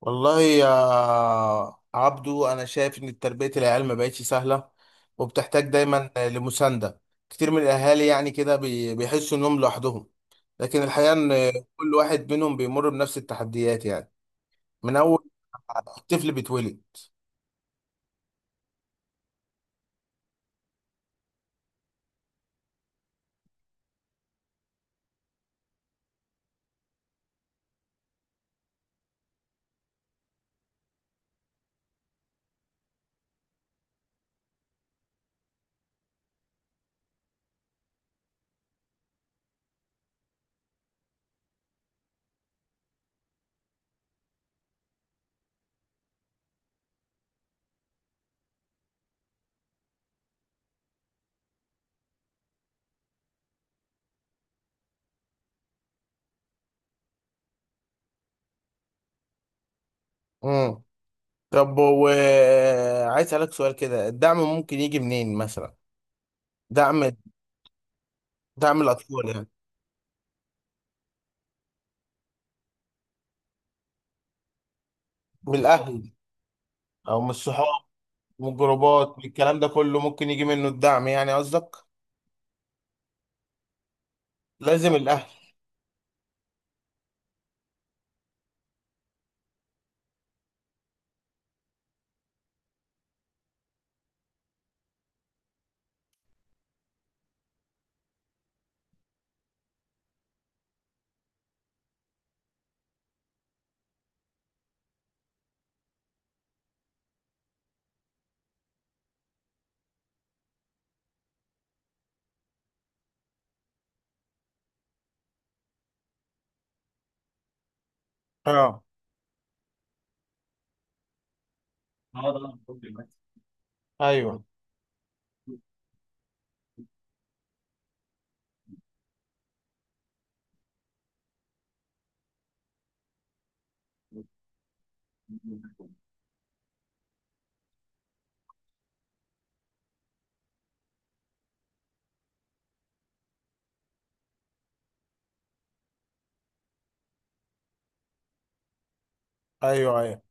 والله يا عبدو، انا شايف ان تربيه العيال ما بقتش سهله وبتحتاج دايما لمسانده. كتير من الاهالي يعني كده بيحسوا انهم لوحدهم. لكن الحقيقه ان كل واحد منهم بيمر بنفس التحديات يعني، من اول ما الطفل بيتولد. امم طب، وعايز اسالك سؤال كده، الدعم ممكن يجي منين مثلا؟ دعم دعم الاطفال يعني. من الاهل او من الصحاب، من الجروبات، من الكلام ده كله ممكن يجي منه الدعم، يعني قصدك. لازم الاهل. اه، ايوه، ايوه، ايوه.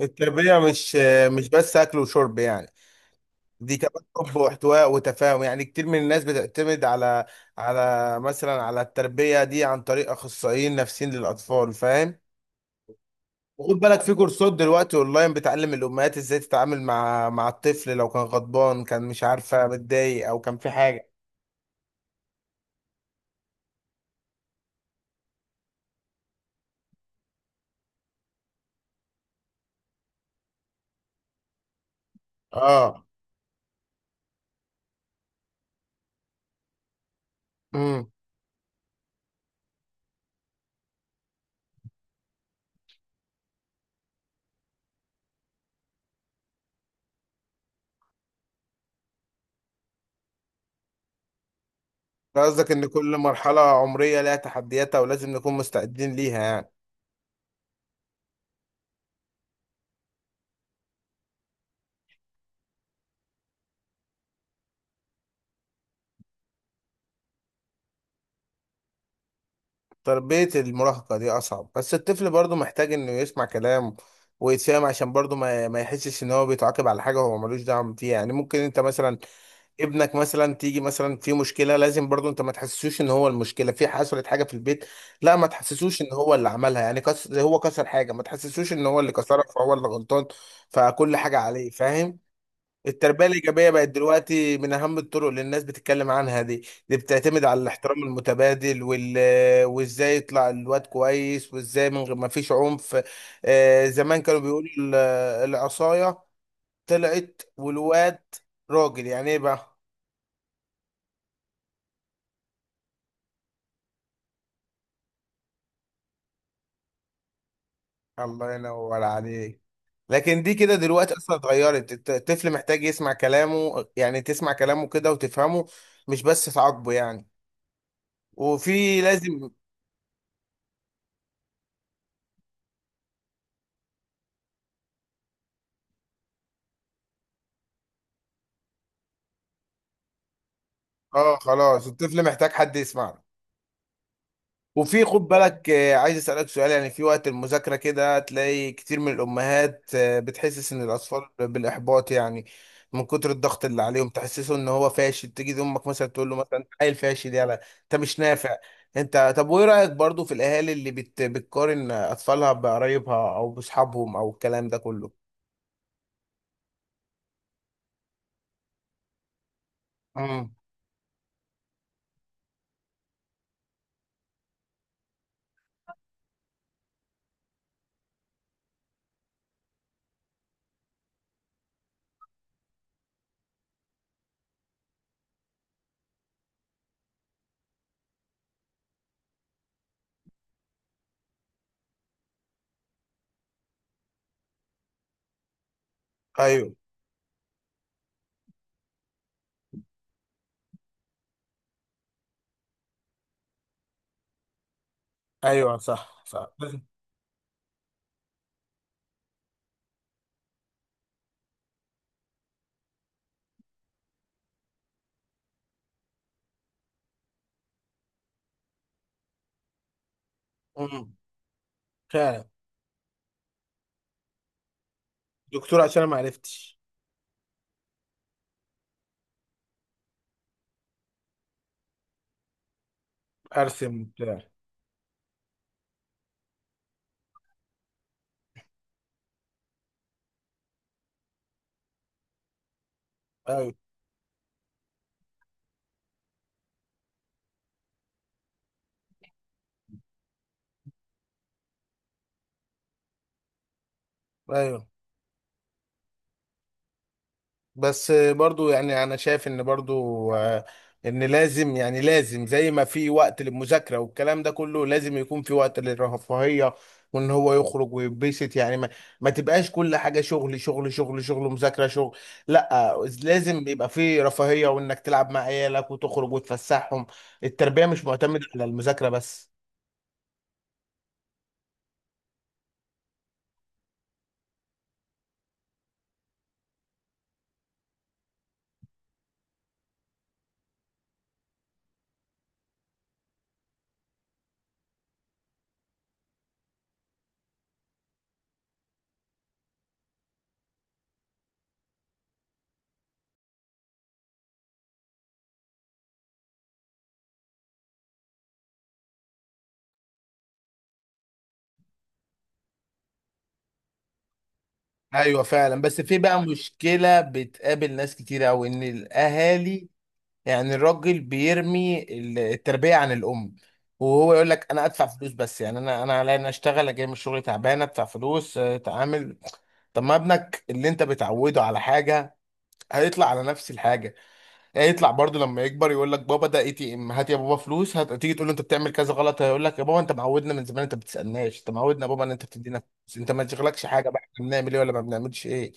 التربيه مش بس اكل وشرب يعني، دي كمان حب واحتواء وتفاهم. يعني كتير من الناس بتعتمد على مثلا على التربيه دي عن طريق اخصائيين نفسيين للاطفال، فاهم؟ وخد بالك في كورسات دلوقتي اونلاين بتعلم الامهات ازاي تتعامل مع الطفل لو كان غضبان، كان مش عارفه، متضايق او كان في حاجه. اه. امم قصدك ان كل مرحله عمريه لها تحدياتها، ولازم نكون مستعدين ليها يعني. تربية المراهقة دي أصعب، بس الطفل برضه محتاج إنه يسمع كلام ويتفهم، عشان برضه ما يحسش إن هو بيتعاقب على حاجة هو ملوش دعم فيها. يعني ممكن أنت مثلا ابنك مثلا تيجي مثلا في مشكلة، لازم برضه أنت ما تحسسوش إن هو المشكلة، في حصلت حاجة في البيت، لا ما تحسسوش إن هو اللي عملها. يعني زي هو كسر حاجة، ما تحسسوش إن هو اللي كسرها، فهو اللي غلطان، فكل حاجة عليه، فاهم؟ التربية الإيجابية بقت دلوقتي من أهم الطرق اللي الناس بتتكلم عنها. دي بتعتمد على الاحترام المتبادل وإزاي يطلع الواد كويس، وإزاي من غير ما فيش عنف. آه، زمان كانوا بيقولوا العصاية طلعت والواد راجل، يعني إيه بقى؟ الله ينور عليك. لكن دي كده دلوقتي أصلا اتغيرت. الطفل محتاج يسمع كلامه، يعني تسمع كلامه كده وتفهمه، مش بس تعاقبه يعني. وفي لازم. اه خلاص، الطفل محتاج حد يسمعه. وفي خد بالك. عايز اسالك سؤال، يعني في وقت المذاكره كده تلاقي كتير من الامهات بتحسس ان الاطفال بالاحباط يعني. من كتر الضغط اللي عليهم تحسسه ان هو فاشل، تيجي امك مثلا تقول له مثلا: انت عيل فاشل، يلا انت مش نافع. انت، طب وايه رايك برضو في الاهالي اللي بتقارن اطفالها بقرايبها او باصحابهم، او الكلام ده كله؟ امم ايوه، ايوه، صح، صح. امم فعلا. دكتور عشان أنا ما عرفتش. ارسم بتاع. ايوه، ايوه. بس برضو يعني انا شايف ان برضو، ان لازم، يعني لازم زي ما في وقت للمذاكره والكلام ده كله، لازم يكون في وقت للرفاهيه، وان هو يخرج ويتبسط يعني، ما تبقاش كل حاجه شغل شغل شغل شغل مذاكره شغل. لا، لازم يبقى في رفاهيه، وانك تلعب مع عيالك وتخرج وتفسحهم. التربيه مش معتمده على المذاكره بس. ايوه فعلا، بس في بقى مشكله بتقابل ناس كتير، او ان الاهالي، يعني الراجل بيرمي التربية عن الأم، وهو يقول لك: أنا أدفع فلوس بس، يعني أنا عليا، أنا أشتغل أجي من الشغل تعبان، أدفع فلوس، أتعامل. طب ما ابنك اللي أنت بتعوده على حاجة هيطلع على نفس الحاجة. يطلع برضه لما يكبر يقول لك: بابا ده ATM، هات يا بابا فلوس هات. تيجي تقول له انت بتعمل كذا غلط، هيقول لك: يا بابا انت معودنا من زمان، انت ما بتسالناش، انت معودنا يا بابا ان انت بتدينا فلوس، انت ما تشغلكش حاجه بقى، احنا بنعمل ايه ولا ما بنعملش ايه.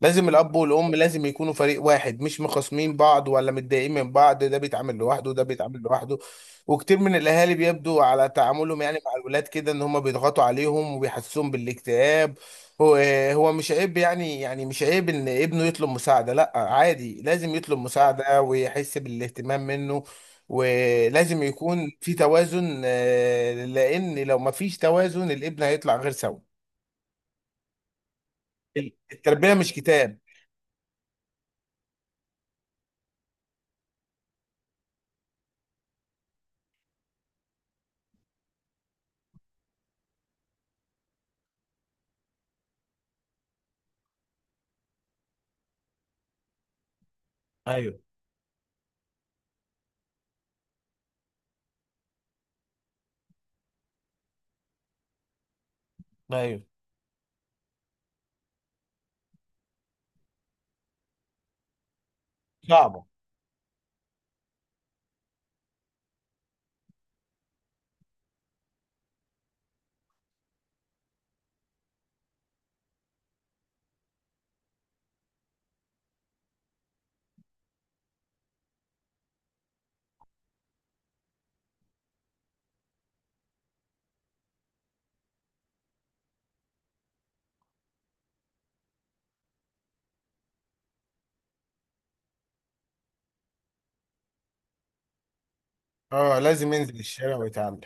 لازم الاب والام لازم يكونوا فريق واحد، مش مخاصمين بعض ولا متضايقين من بعض، ده بيتعامل لوحده وده بيتعامل لوحده. وكتير من الاهالي بيبدو على تعاملهم يعني مع الولاد كده ان هم بيضغطوا عليهم وبيحسسوهم بالاكتئاب. هو هو مش عيب، يعني مش عيب ان ابنه يطلب مساعدة، لا عادي، لازم يطلب مساعدة ويحس بالاهتمام منه. ولازم يكون في توازن، لان لو ما فيش توازن الابن هيطلع غير سوي. التربية مش كتاب. ايوه، ايوه، صعبة. اه، لازم ينزل الشارع ويتعامل.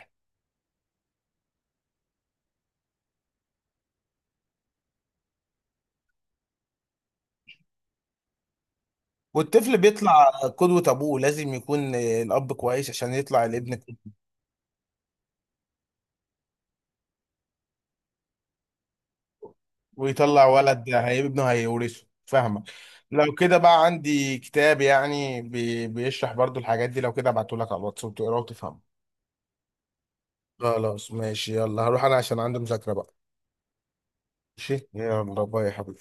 والطفل بيطلع قدوة ابوه، لازم يكون الاب كويس عشان يطلع الابن. ويطلع ولد، هيبقى ابنه هيورثه، فاهمك؟ لو كده بقى عندي كتاب يعني بيشرح برضو الحاجات دي، لو كده ابعته لك على الواتس وتقراه وتفهمه. خلاص ماشي، يلا هروح انا عشان عندي مذاكرة بقى. ماشي، يلا باي يا حبيبي.